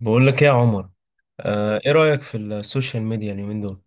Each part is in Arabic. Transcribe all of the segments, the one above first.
بقول لك ايه يا عمر. ايه رأيك في السوشيال ميديا اليومين دول؟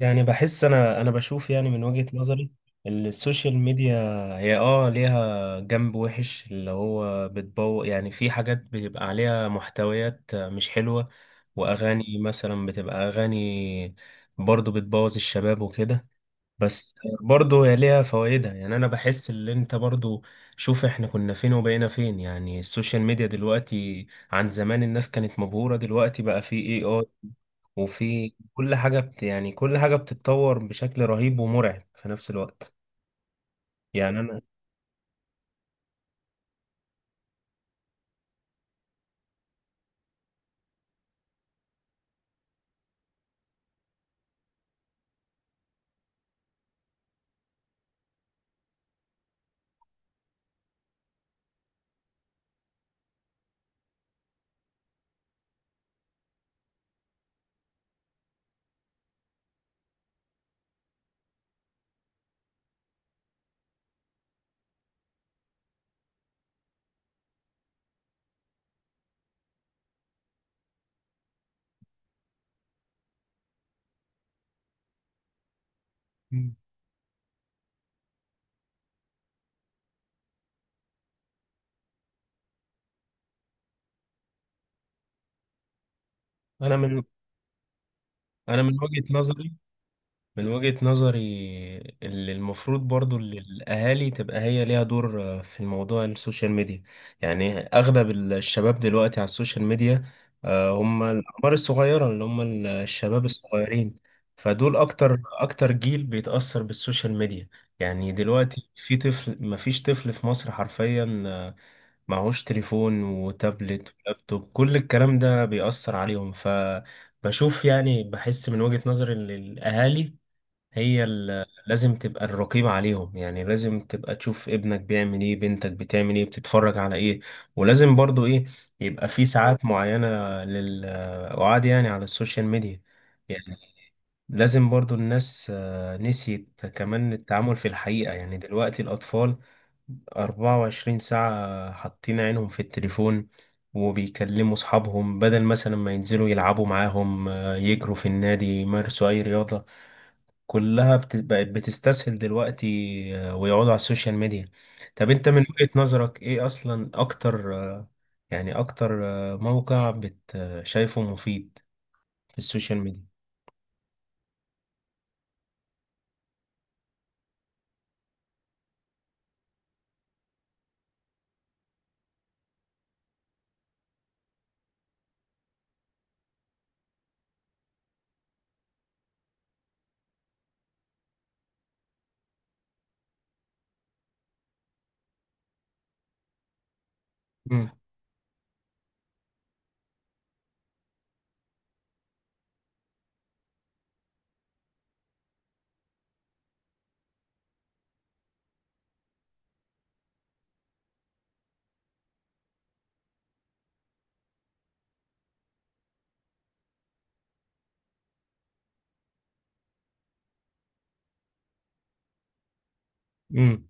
يعني بحس انا بشوف، يعني من وجهة نظري السوشيال ميديا هي ليها جنب وحش، اللي هو بتبوظ. يعني في حاجات بيبقى عليها محتويات مش حلوة، واغاني مثلا بتبقى اغاني برضو بتبوظ الشباب وكده. بس برضو هي ليها فوائدها. يعني انا بحس ان انت برضو، شوف احنا كنا فين وبقينا فين. يعني السوشيال ميديا دلوقتي عن زمان، الناس كانت مبهورة، دلوقتي بقى في اي اي، وفي كل حاجة بتتطور بشكل رهيب ومرعب في نفس الوقت. يعني انا مم. انا من انا من وجهة نظري، وجهة نظري اللي المفروض، برضو اللي الأهالي تبقى هي ليها دور في الموضوع، السوشيال ميديا. يعني أغلب الشباب دلوقتي على السوشيال ميديا، هم الأعمار الصغيرة، اللي هم الشباب الصغيرين. فدول أكتر جيل بيتأثر بالسوشيال ميديا. يعني دلوقتي في طفل مفيش طفل في مصر حرفيا معهوش تليفون وتابلت ولابتوب. كل الكلام ده بيأثر عليهم. ف بشوف، يعني بحس من وجهة نظري ان الأهالي هي لازم تبقى الرقيب عليهم. يعني لازم تبقى تشوف ابنك بيعمل ايه، بنتك بتعمل ايه، بتتفرج على ايه. ولازم برضو ايه، يبقى في ساعات معينة للقعاد يعني على السوشيال ميديا. يعني لازم برضو الناس نسيت كمان التعامل في الحقيقة. يعني دلوقتي الأطفال 24 ساعة حاطين عينهم في التليفون، وبيكلموا أصحابهم بدل مثلا ما ينزلوا يلعبوا معاهم، يجروا في النادي يمارسوا أي رياضة. كلها بقت بتستسهل دلوقتي، ويقعدوا على السوشيال ميديا. طب انت من وجهة نظرك ايه اصلا اكتر يعني اكتر موقع بت آه، شايفه مفيد في السوشيال ميديا؟ امم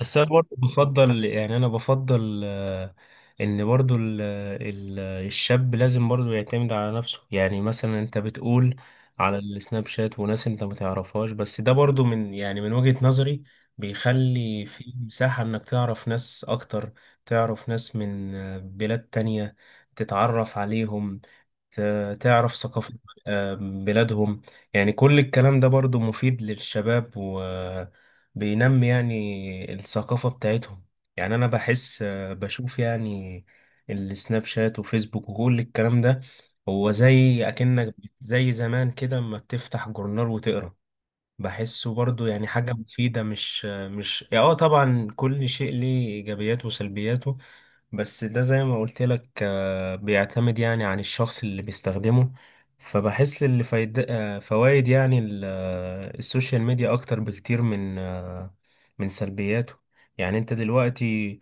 بس انا برضه بفضل، يعني انا بفضل ان برضه ال- الشاب لازم برضه يعتمد على نفسه. يعني مثلا انت بتقول على السناب شات وناس انت ما تعرفهاش، بس ده برضه من، يعني من وجهة نظري بيخلي في مساحة انك تعرف ناس اكتر، تعرف ناس من بلاد تانية، تتعرف عليهم، تعرف ثقافة بلادهم. يعني كل الكلام ده برضو مفيد للشباب، وبينمي يعني الثقافة بتاعتهم. يعني أنا بحس بشوف، يعني السناب شات وفيسبوك وكل الكلام ده هو زي أكنك زي زمان كده أما بتفتح جورنال وتقرأ. بحسه برضو يعني حاجة مفيدة. مش مش طبعا كل شيء ليه إيجابياته وسلبياته. بس ده زي ما قلت لك بيعتمد يعني عن الشخص اللي بيستخدمه. فبحس اللي فايد فوائد يعني السوشيال ميديا اكتر بكتير من سلبياته. يعني انت دلوقتي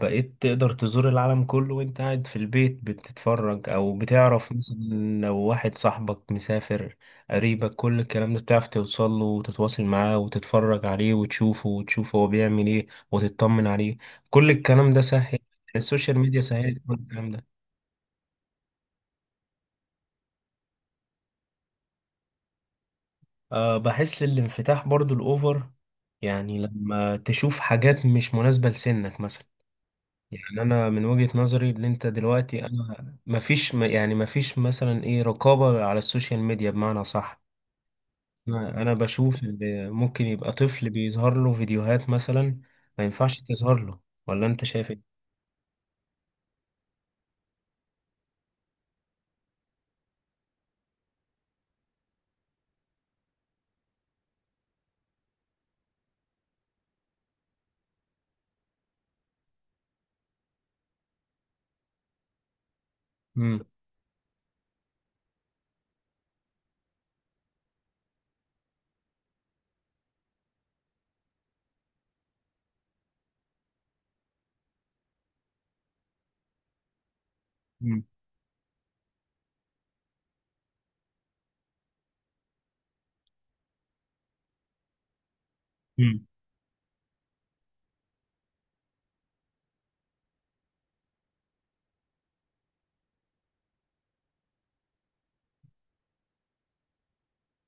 بقيت تقدر تزور العالم كله وانت قاعد في البيت بتتفرج، او بتعرف مثلا لو واحد صاحبك مسافر، قريبك، كل الكلام ده بتعرف توصل له وتتواصل معاه وتتفرج عليه وتشوفه وتشوف هو بيعمل ايه وتطمن عليه. كل الكلام ده سهل، السوشيال ميديا سهلت كل الكلام ده. أه، بحس الانفتاح برضو الأوفر، يعني لما تشوف حاجات مش مناسبة لسنك مثلا. يعني انا من وجهة نظري ان انت دلوقتي، انا مفيش يعني مفيش مثلا ايه رقابة على السوشيال ميديا بمعنى صح. انا بشوف ان ممكن يبقى طفل بيظهر له فيديوهات مثلا ما ينفعش تظهر له، ولا انت شايف ايه؟ امم امم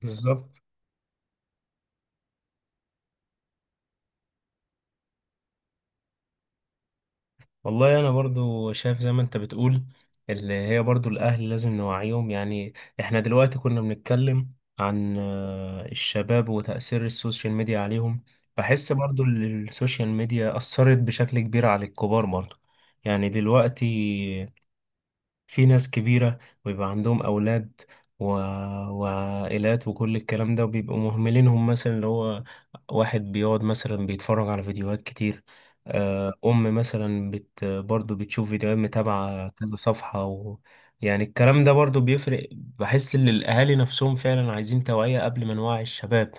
بالظبط. والله انا برضو شايف زي ما انت بتقول، اللي هي برضو الاهل لازم نوعيهم. يعني احنا دلوقتي كنا بنتكلم عن الشباب وتأثير السوشيال ميديا عليهم. بحس برضو السوشيال ميديا أثرت بشكل كبير على الكبار برضو. يعني دلوقتي في ناس كبيرة ويبقى عندهم أولاد و... وعائلات وكل الكلام ده، وبيبقوا مهملينهم مثلا. اللي هو واحد بيقعد مثلا بيتفرج على فيديوهات كتير، أم مثلا برضو بتشوف فيديوهات متابعة كذا صفحة يعني الكلام ده برضو بيفرق. بحس إن الأهالي نفسهم فعلا عايزين توعية قبل ما نوعي الشباب.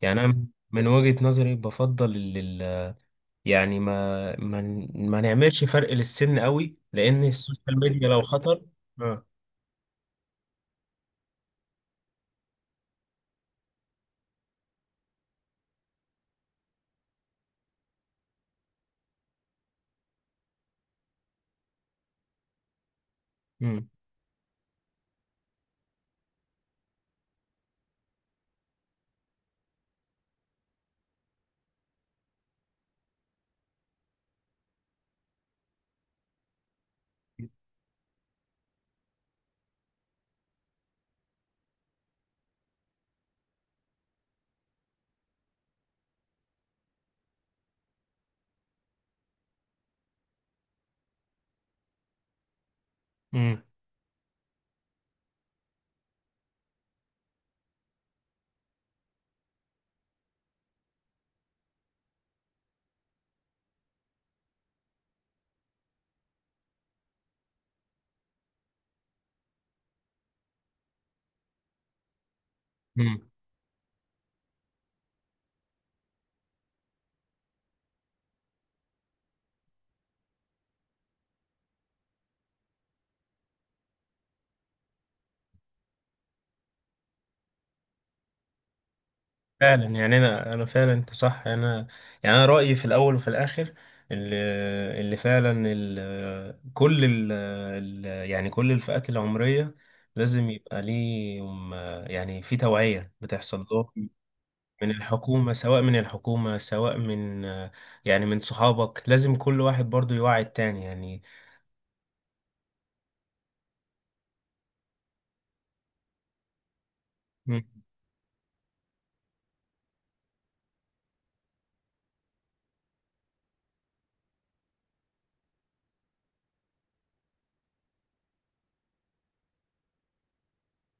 يعني أنا من وجهة نظري بفضل، يعني ما نعملش فرق للسن قوي، لان السوشيال ميديا لو خطر. اه امم امم امم فعلا. يعني انا فعلا انت صح. انا يعني انا رايي في الاول وفي الاخر، اللي اللي فعلا ال كل ال ال- يعني كل الفئات العمريه لازم يبقى ليهم يعني في توعيه بتحصل لهم من الحكومه، سواء من الحكومه سواء من يعني من صحابك. لازم كل واحد برضو يوعي التاني. يعني مم.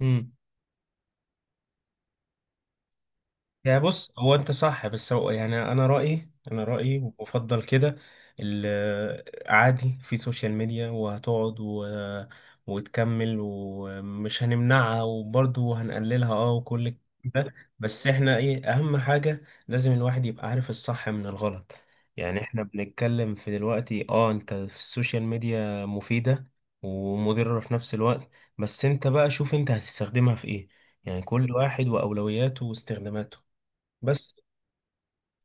مم. يعني بص، هو انت صح، بس هو يعني انا رايي وافضل كده ال- عادي في سوشيال ميديا، وهتقعد و... وتكمل، ومش هنمنعها وبرضه هنقللها، وكل ده. بس احنا ايه اهم حاجه، لازم الواحد يبقى عارف الصح من الغلط. يعني احنا بنتكلم في دلوقتي، اه انت في السوشيال ميديا مفيده ومضره في نفس الوقت. بس انت بقى شوف انت هتستخدمها في ايه. يعني كل واحد وأولوياته واستخداماته. بس،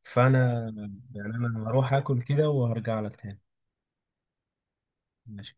فانا يعني انا هروح اكل كده وهرجع لك تاني. ماشي.